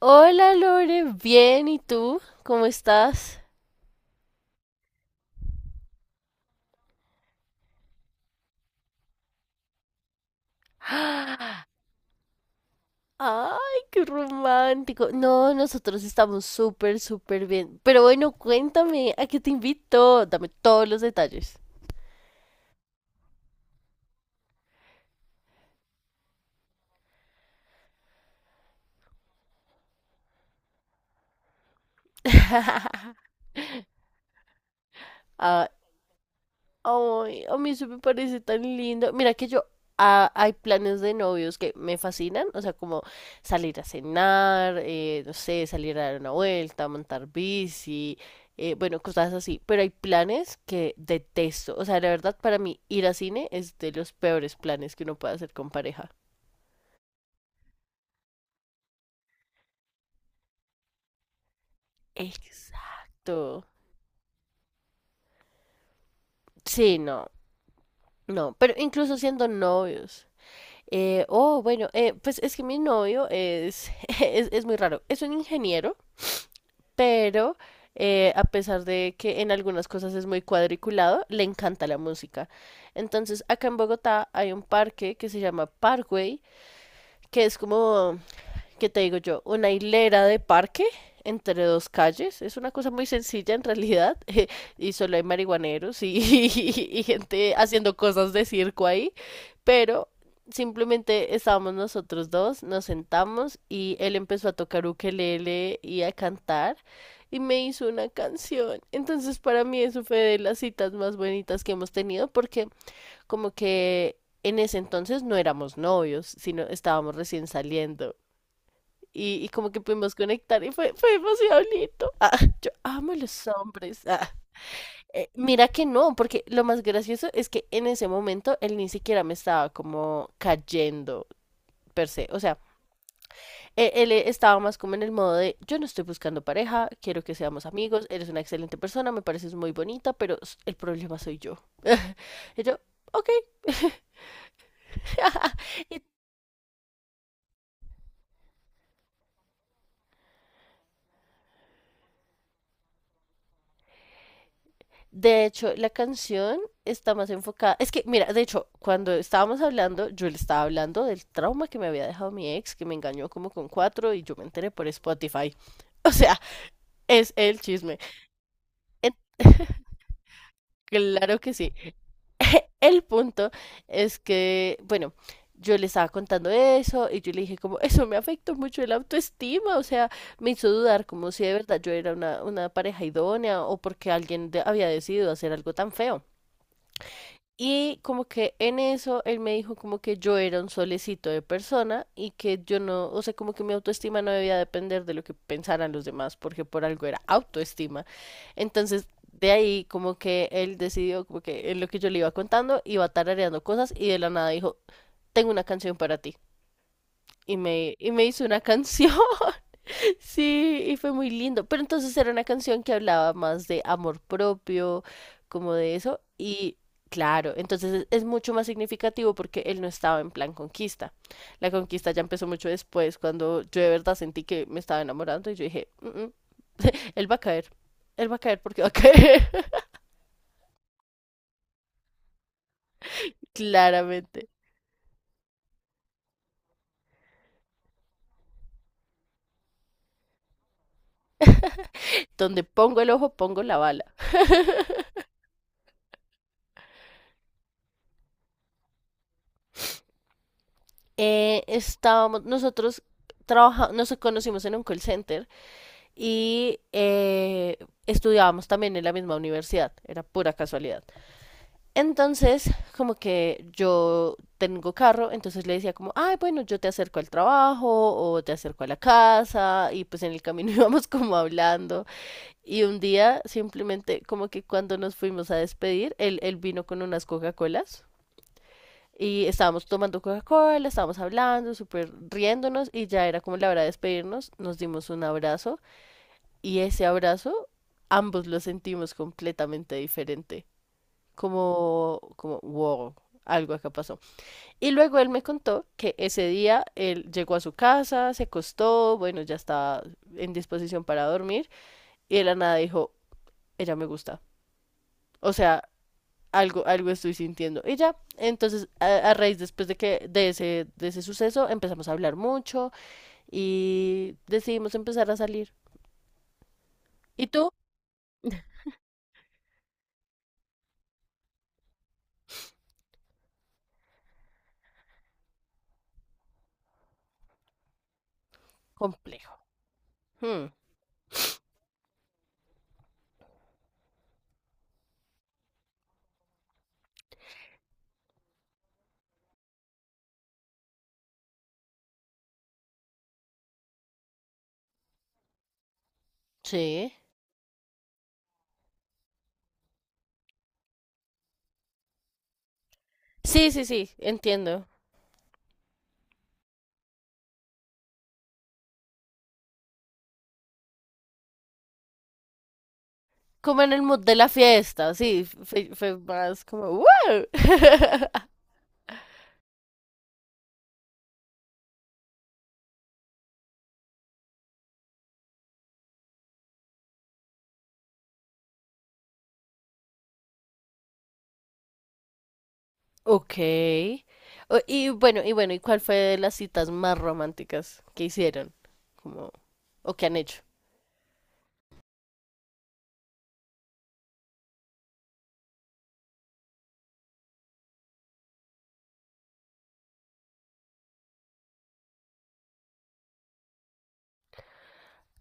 Hola Lore, bien, ¿y tú? ¿Cómo estás? Ay, qué romántico. No, nosotros estamos súper, súper bien. Pero bueno, cuéntame, ¿a qué te invito? Dame todos los detalles. Ah, Ay, a mí eso me parece tan lindo. Mira que yo, hay planes de novios que me fascinan, o sea, como salir a cenar, no sé, salir a dar una vuelta, montar bici, bueno, cosas así. Pero hay planes que detesto. O sea, la verdad, para mí ir a cine es de los peores planes que uno puede hacer con pareja. Exacto. Sí, no, no, pero incluso siendo novios. Oh, bueno, pues es que mi novio es, es muy raro. Es un ingeniero. Pero a pesar de que en algunas cosas es muy cuadriculado, le encanta la música. Entonces, acá en Bogotá hay un parque que se llama Parkway, que es como ¿qué te digo yo? Una hilera de parque entre dos calles. Es una cosa muy sencilla en realidad. Y solo hay marihuaneros y, y gente haciendo cosas de circo ahí. Pero simplemente estábamos nosotros dos, nos sentamos y él empezó a tocar ukelele y a cantar. Y me hizo una canción. Entonces para mí eso fue de las citas más bonitas que hemos tenido porque como que en ese entonces no éramos novios, sino estábamos recién saliendo y como que pudimos conectar y fue demasiado lindo. Ah, yo amo los hombres. Ah. Mira que no, porque lo más gracioso es que en ese momento él ni siquiera me estaba como cayendo per se. O sea, él, estaba más como en el modo de yo no estoy buscando pareja, quiero que seamos amigos, eres una excelente persona, me pareces muy bonita, pero el problema soy yo. Y yo, ok. De hecho, la canción está más enfocada. Es que, mira, de hecho, cuando estábamos hablando, yo le estaba hablando del trauma que me había dejado mi ex, que me engañó como con cuatro y yo me enteré por Spotify. O sea, es el chisme. En- Claro que sí. El punto es que, bueno, yo le estaba contando eso y yo le dije como, eso me afectó mucho el autoestima, o sea, me hizo dudar como si de verdad yo era una pareja idónea o porque alguien había decidido hacer algo tan feo. Y como que en eso él me dijo como que yo era un solecito de persona y que yo no, o sea, como que mi autoestima no debía depender de lo que pensaran los demás, porque por algo era autoestima. Entonces, de ahí como que él decidió como que en lo que yo le iba contando iba tarareando cosas y de la nada dijo, tengo una canción para ti. Y me hizo una canción. Sí, y fue muy lindo. Pero entonces era una canción que hablaba más de amor propio, como de eso. Y claro, entonces es mucho más significativo porque él no estaba en plan conquista. La conquista ya empezó mucho después, cuando yo de verdad sentí que me estaba enamorando y yo dije, "Mm, mm, él va a caer, él va a caer porque va a caer." Claramente. Donde pongo el ojo, pongo la bala. Nosotros trabajamos, nos conocimos en un call center. Y estudiábamos también en la misma universidad, era pura casualidad. Entonces, como que yo tengo carro, entonces le decía como, ay, bueno, yo te acerco al trabajo o te acerco a la casa y pues en el camino íbamos como hablando y un día simplemente como que cuando nos fuimos a despedir, él vino con unas Coca-Colas. Y estábamos tomando Coca-Cola, estábamos hablando, súper riéndonos y ya era como la hora de despedirnos. Nos dimos un abrazo y ese abrazo, ambos lo sentimos completamente diferente. Como, wow, algo acá pasó. Y luego él me contó que ese día él llegó a su casa, se acostó, bueno, ya estaba en disposición para dormir, y de la nada dijo, ella me gusta. O sea, algo estoy sintiendo. Y ya, entonces, a raíz después de ese suceso, empezamos a hablar mucho y decidimos empezar a salir. ¿Y tú? Complejo. Hmm, sí. Sí, sí, sí, entiendo. Como en el mood de la fiesta, sí, fue más como ¡wow! Ok. Y bueno, ¿y cuál fue de las citas más románticas que hicieron? Como, o que han hecho.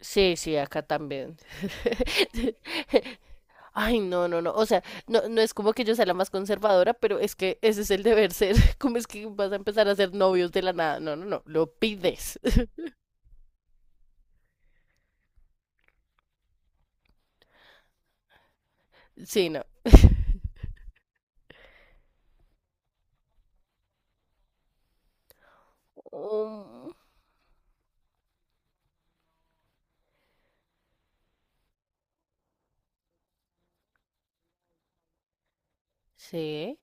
Sí, sí, acá también. Ay, no, no, no. O sea, no, no es como que yo sea la más conservadora, pero es que ese es el deber ser. ¿Cómo es que vas a empezar a ser novios de la nada? No, no, no. Lo pides. Sí, no. Um, sí.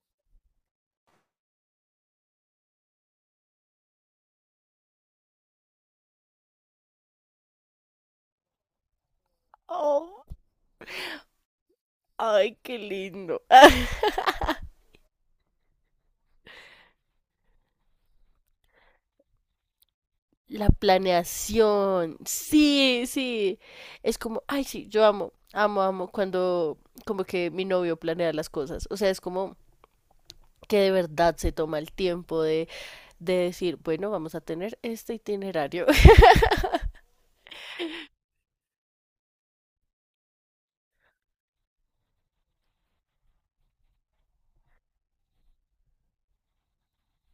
Oh, ay, qué lindo. La planeación. Sí, sí. Es como, ay, sí, yo amo, amo, amo cuando como que mi novio planea las cosas. O sea, es como que de verdad se toma el tiempo de decir, bueno, vamos a tener este itinerario.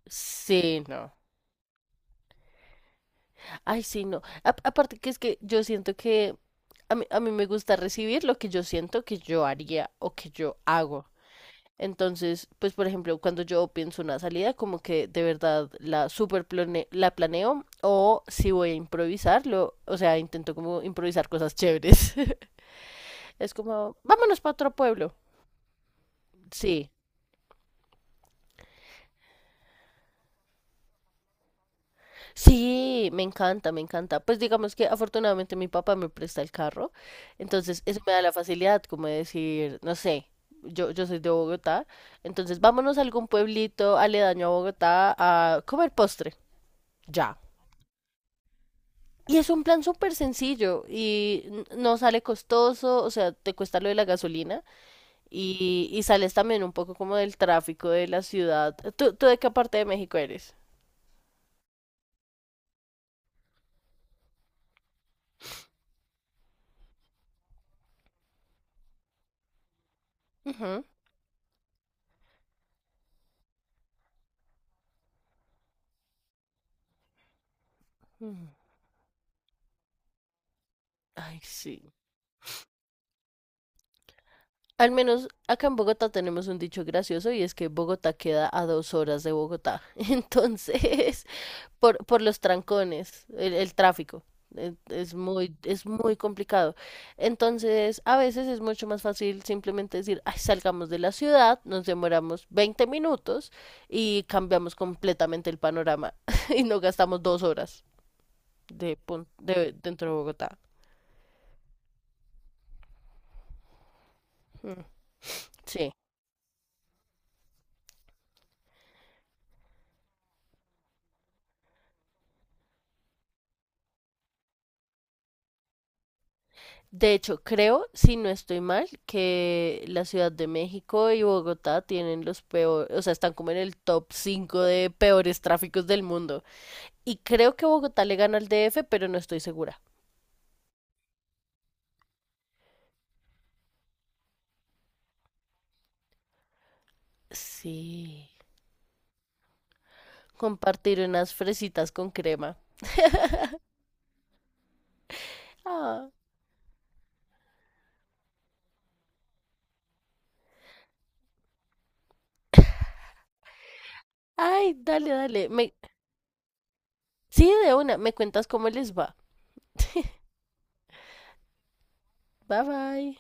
Sí, no. Ay, sí, no. Aparte que es que yo siento que a mí me gusta recibir lo que yo siento que yo haría o que yo hago. Entonces, pues por ejemplo, cuando yo pienso una salida, como que de verdad la planeo o si voy a improvisarlo, o sea, intento como improvisar cosas chéveres. Es como, vámonos para otro pueblo. Sí, sí, me encanta, me encanta. Pues digamos que afortunadamente mi papá me presta el carro, entonces eso me da la facilidad como de decir, no sé, yo soy de Bogotá, entonces vámonos a algún pueblito aledaño a Bogotá a comer postre. Ya. Y es un plan súper sencillo y no sale costoso, o sea, te cuesta lo de la gasolina y sales también un poco como del tráfico de la ciudad. ¿Tú, de qué parte de México eres? Ujú. Mm. Ay, sí. Al menos acá en Bogotá tenemos un dicho gracioso y es que Bogotá queda a 2 horas de Bogotá. Entonces, por los trancones, el tráfico. Es muy complicado. Entonces, a veces es mucho más fácil simplemente decir, "Ay, salgamos de la ciudad, nos demoramos 20 minutos y cambiamos completamente el panorama y no gastamos 2 horas dentro de Bogotá." Mm, sí. De hecho, creo, si no estoy mal, que la Ciudad de México y Bogotá tienen los peores, o sea, están como en el top 5 de peores tráficos del mundo. Y creo que Bogotá le gana al DF, pero no estoy segura. Sí. Compartir unas fresitas con crema. Ah, ay, dale, dale. Me. Sí, de una. Me cuentas cómo les va. Bye bye.